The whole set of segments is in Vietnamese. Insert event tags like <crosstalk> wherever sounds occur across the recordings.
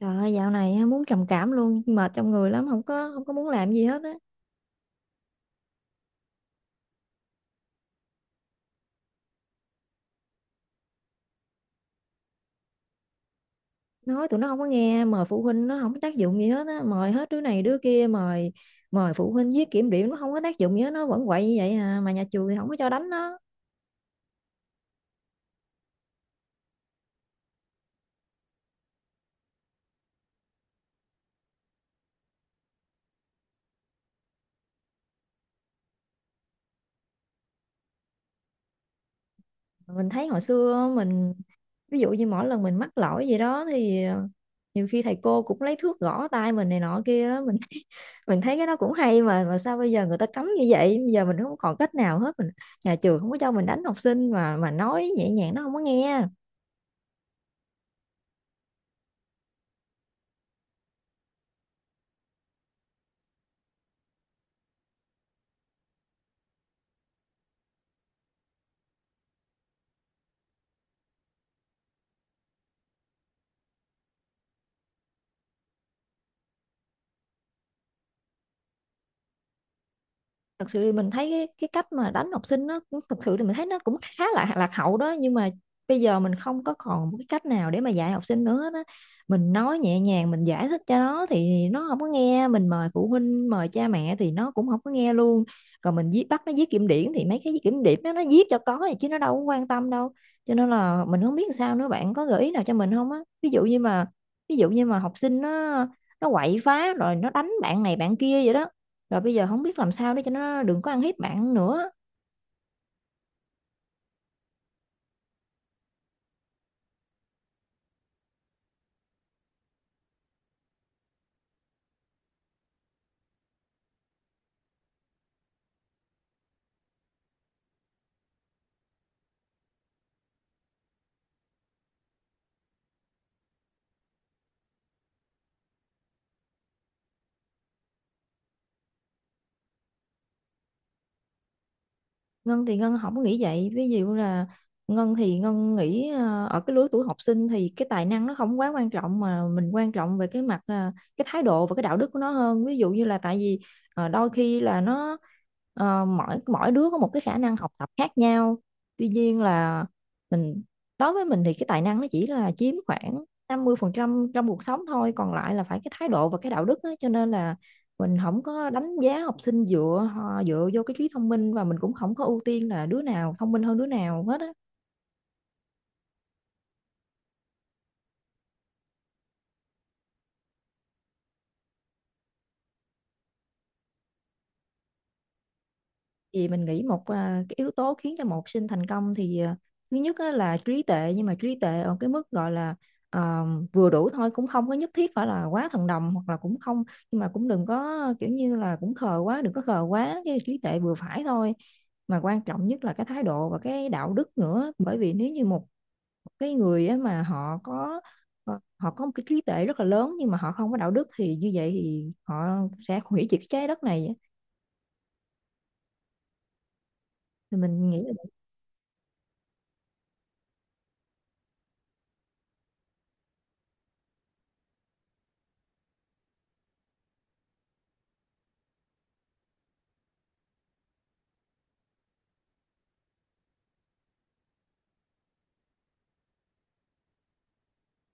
Trời ơi, dạo này á, muốn trầm cảm luôn, mệt trong người lắm, không có muốn làm gì hết á. Nói tụi nó không có nghe, mời phụ huynh nó không có tác dụng gì hết á, mời hết đứa này đứa kia, mời mời phụ huynh viết kiểm điểm nó không có tác dụng gì hết, nó vẫn quậy như vậy à, mà nhà trường thì không có cho đánh nó. Mình thấy hồi xưa á, mình ví dụ như mỗi lần mình mắc lỗi gì đó thì nhiều khi thầy cô cũng lấy thước gõ tay mình này nọ kia á. Mình <laughs> mình thấy cái đó cũng hay, mà sao bây giờ người ta cấm như vậy. Bây giờ mình không còn cách nào hết, mình, nhà trường không có cho mình đánh học sinh, mà nói nhẹ nhàng nó không có nghe. Thật sự thì mình thấy cái cách mà đánh học sinh nó cũng- thật sự thì mình thấy nó cũng khá là lạc hậu đó, nhưng mà bây giờ mình không có còn một cái cách nào để mà dạy học sinh nữa đó. Mình nói nhẹ nhàng, mình giải thích cho nó thì nó không có nghe, mình mời phụ huynh mời cha mẹ thì nó cũng không có nghe luôn. Còn mình viết bắt nó viết kiểm điểm thì mấy cái kiểm điểm đó nó viết cho có vậy chứ nó đâu có quan tâm đâu. Cho nên là mình không biết làm sao nữa, bạn có gợi ý nào cho mình không á? Ví dụ như mà học sinh nó quậy phá rồi nó đánh bạn này bạn kia vậy đó, rồi bây giờ không biết làm sao để cho nó đừng có ăn hiếp bạn nữa. Ngân thì Ngân không có nghĩ vậy. Ví dụ là Ngân thì Ngân nghĩ ở cái lứa tuổi học sinh thì cái tài năng nó không quá quan trọng, mà mình quan trọng về cái mặt cái thái độ và cái đạo đức của nó hơn. Ví dụ như là tại vì đôi khi là nó, mỗi mỗi đứa có một cái khả năng học tập khác nhau. Tuy nhiên là mình, đối với mình thì cái tài năng nó chỉ là chiếm khoảng 50% trong cuộc sống thôi, còn lại là phải cái thái độ và cái đạo đức á. Cho nên là mình không có đánh giá học sinh dựa họ dựa vô cái trí thông minh, và mình cũng không có ưu tiên là đứa nào thông minh hơn đứa nào hết á. Thì mình nghĩ một, cái yếu tố khiến cho một học sinh thành công thì thứ nhất á là trí tệ, nhưng mà trí tệ ở cái mức gọi là à, vừa đủ thôi, cũng không có nhất thiết phải là quá thần đồng, hoặc là cũng không, nhưng mà cũng đừng có kiểu như là cũng khờ quá, đừng có khờ quá, cái trí tệ vừa phải thôi. Mà quan trọng nhất là cái thái độ và cái đạo đức nữa, bởi vì nếu như một cái người á mà họ có một cái trí tuệ rất là lớn nhưng mà họ không có đạo đức thì như vậy thì họ sẽ hủy diệt cái trái đất này á. Thì mình nghĩ là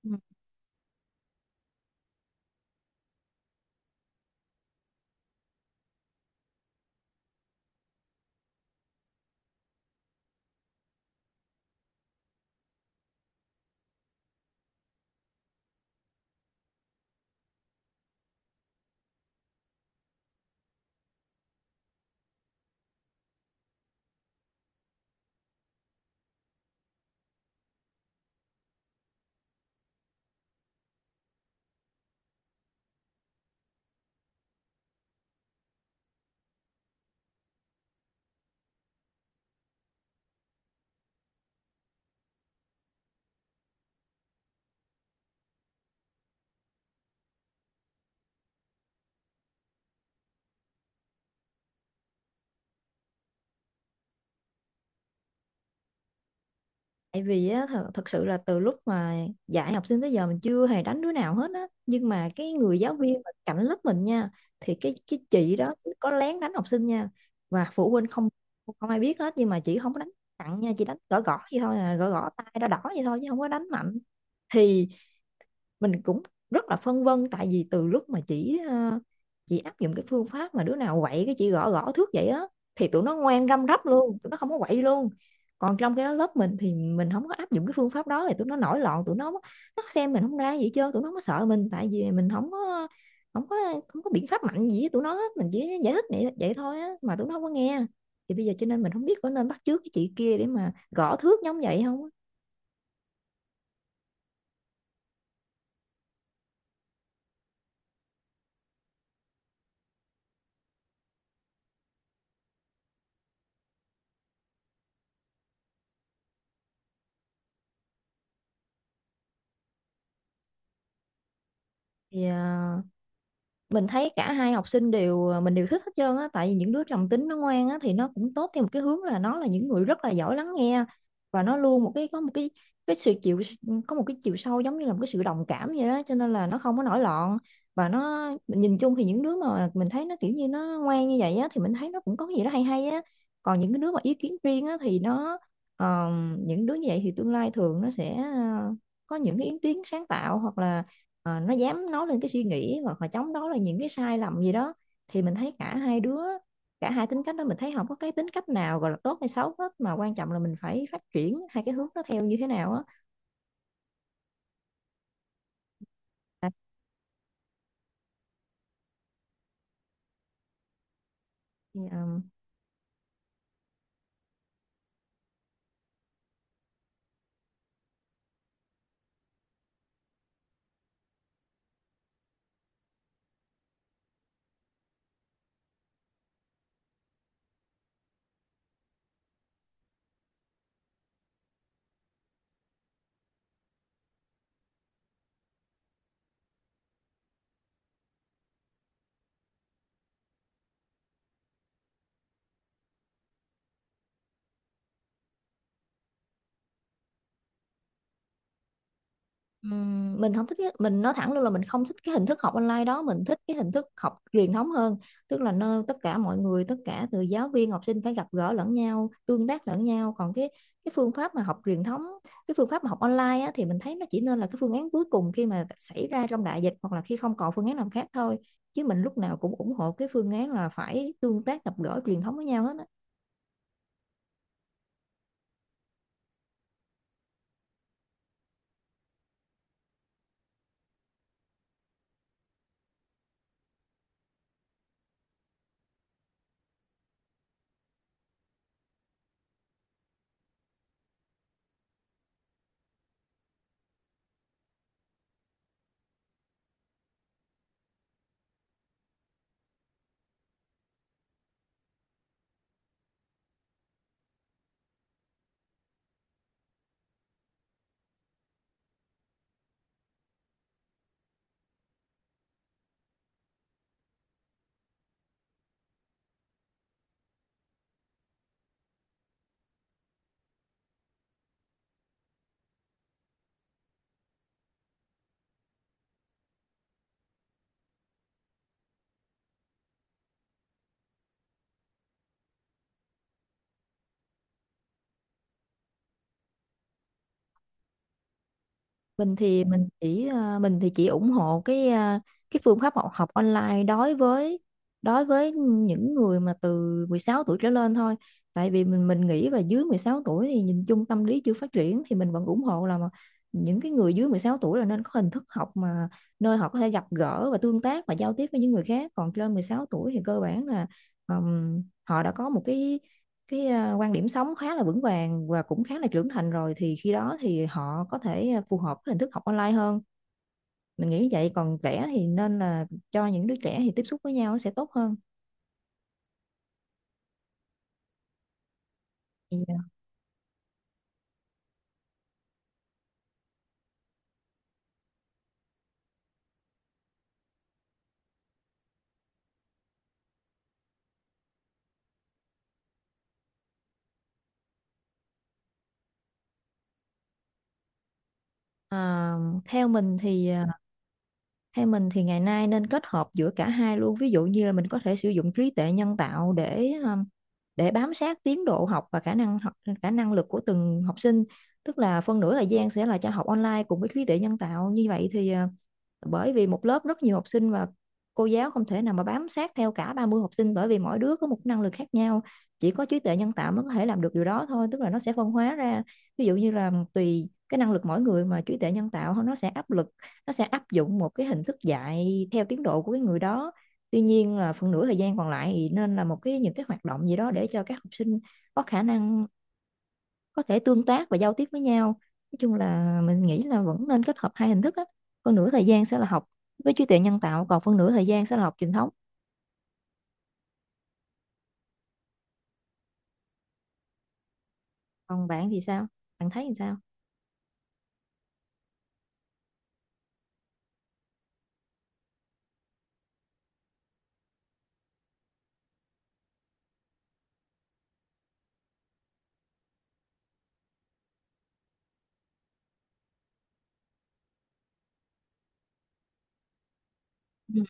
Ừ. Tại vì á, thật sự là từ lúc mà dạy học sinh tới giờ mình chưa hề đánh đứa nào hết á, nhưng mà cái người giáo viên mà cạnh lớp mình nha, thì cái chị đó chị có lén đánh học sinh nha, và phụ huynh không, không ai biết hết, nhưng mà chị không có đánh nặng nha, chị đánh gõ gõ vậy thôi à, gõ gõ tay đỏ đỏ vậy thôi chứ không có đánh mạnh. Thì mình cũng rất là phân vân, tại vì từ lúc mà chị áp dụng cái phương pháp mà đứa nào quậy cái chị gõ gõ thước vậy á, thì tụi nó ngoan răm rắp luôn, tụi nó không có quậy luôn. Còn trong cái đó lớp mình thì mình không có áp dụng cái phương pháp đó thì tụi nó nổi loạn, tụi nó xem mình không ra gì hết trơn, tụi nó không có sợ mình tại vì mình không có không có biện pháp mạnh gì với tụi nó hết. Mình chỉ giải thích vậy thôi á mà tụi nó không có nghe. Thì bây giờ cho nên mình không biết có nên bắt chước cái chị kia để mà gõ thước giống vậy không á. Thì mình thấy cả hai học sinh đều, mình đều thích hết trơn á, tại vì những đứa trầm tính nó ngoan á thì nó cũng tốt theo một cái hướng, là nó là những người rất là giỏi lắng nghe. Và nó luôn một cái, có một cái sự chịu, có một cái chiều sâu giống như là một cái sự đồng cảm vậy đó, cho nên là nó không có nổi loạn. Và nó, mình nhìn chung thì những đứa mà mình thấy nó kiểu như nó ngoan như vậy á thì mình thấy nó cũng có cái gì đó hay hay á. Còn những cái đứa mà ý kiến riêng á thì ờ, những đứa như vậy thì tương lai thường nó sẽ, có những cái ý kiến sáng tạo, hoặc là nó dám nói lên cái suy nghĩ hoặc là chống đối là những cái sai lầm gì đó. Thì mình thấy cả hai đứa, cả hai tính cách đó mình thấy không có cái tính cách nào gọi là tốt hay xấu hết, mà quan trọng là mình phải phát triển hai cái hướng nó theo như thế nào á. Thì, mình không thích mình nói thẳng luôn là mình không thích cái hình thức học online đó, mình thích cái hình thức học truyền thống hơn. Tức là nơi tất cả mọi người, tất cả từ giáo viên học sinh phải gặp gỡ lẫn nhau, tương tác lẫn nhau. Còn cái phương pháp mà học truyền thống, cái phương pháp mà học online á, thì mình thấy nó chỉ nên là cái phương án cuối cùng khi mà xảy ra trong đại dịch, hoặc là khi không còn phương án nào khác thôi. Chứ mình lúc nào cũng ủng hộ cái phương án là phải tương tác gặp gỡ truyền thống với nhau hết á. Mình thì chỉ ủng hộ cái phương pháp học học online đối với những người mà từ 16 tuổi trở lên thôi. Tại vì mình nghĩ là dưới 16 tuổi thì nhìn chung tâm lý chưa phát triển, thì mình vẫn ủng hộ là mà những cái người dưới 16 tuổi là nên có hình thức học mà nơi họ có thể gặp gỡ và tương tác và giao tiếp với những người khác. Còn trên 16 tuổi thì cơ bản là họ đã có một cái quan điểm sống khá là vững vàng và cũng khá là trưởng thành rồi, thì khi đó thì họ có thể, phù hợp với hình thức học online hơn. Mình nghĩ vậy, còn trẻ thì nên là, cho những đứa trẻ thì tiếp xúc với nhau sẽ tốt hơn. Thì, à, theo mình thì à, theo mình thì ngày nay nên kết hợp giữa cả hai luôn. Ví dụ như là mình có thể sử dụng trí tuệ nhân tạo để, để bám sát tiến độ học và khả năng học, khả năng lực của từng học sinh. Tức là phân nửa thời gian sẽ là cho học online cùng với trí tuệ nhân tạo, như vậy thì bởi vì một lớp rất nhiều học sinh và cô giáo không thể nào mà bám sát theo cả 30 học sinh, bởi vì mỗi đứa có một năng lực khác nhau. Chỉ có trí tuệ nhân tạo mới có thể làm được điều đó thôi, tức là nó sẽ phân hóa ra. Ví dụ như là tùy cái năng lực mỗi người mà trí tuệ nhân tạo nó sẽ áp dụng một cái hình thức dạy theo tiến độ của cái người đó. Tuy nhiên là phần nửa thời gian còn lại thì nên là một cái những cái hoạt động gì đó để cho các học sinh có khả năng, có thể tương tác và giao tiếp với nhau. Nói chung là mình nghĩ là vẫn nên kết hợp hai hình thức á, phần nửa thời gian sẽ là học với trí tuệ nhân tạo, còn phần nửa thời gian sẽ là học truyền thống. Còn bạn thì sao, bạn thấy thì sao? Ừ.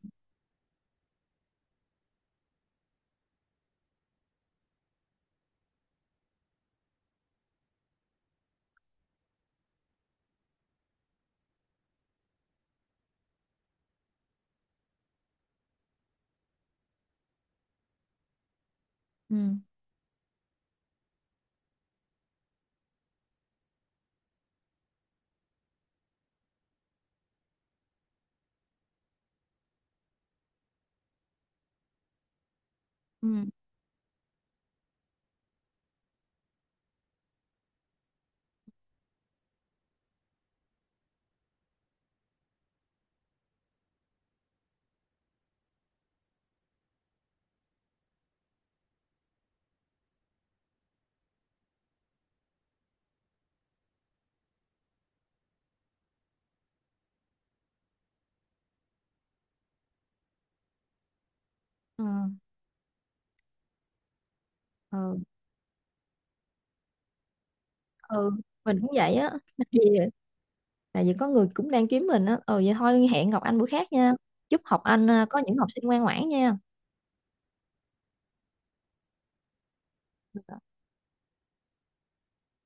Ừ ừ ừ ừ, ừ. Mình cũng vậy á, tại vì có người cũng đang kiếm mình á. Ừ, vậy thôi, hẹn gặp anh bữa khác nha. Chúc học anh có những học sinh ngoan ngoãn nha.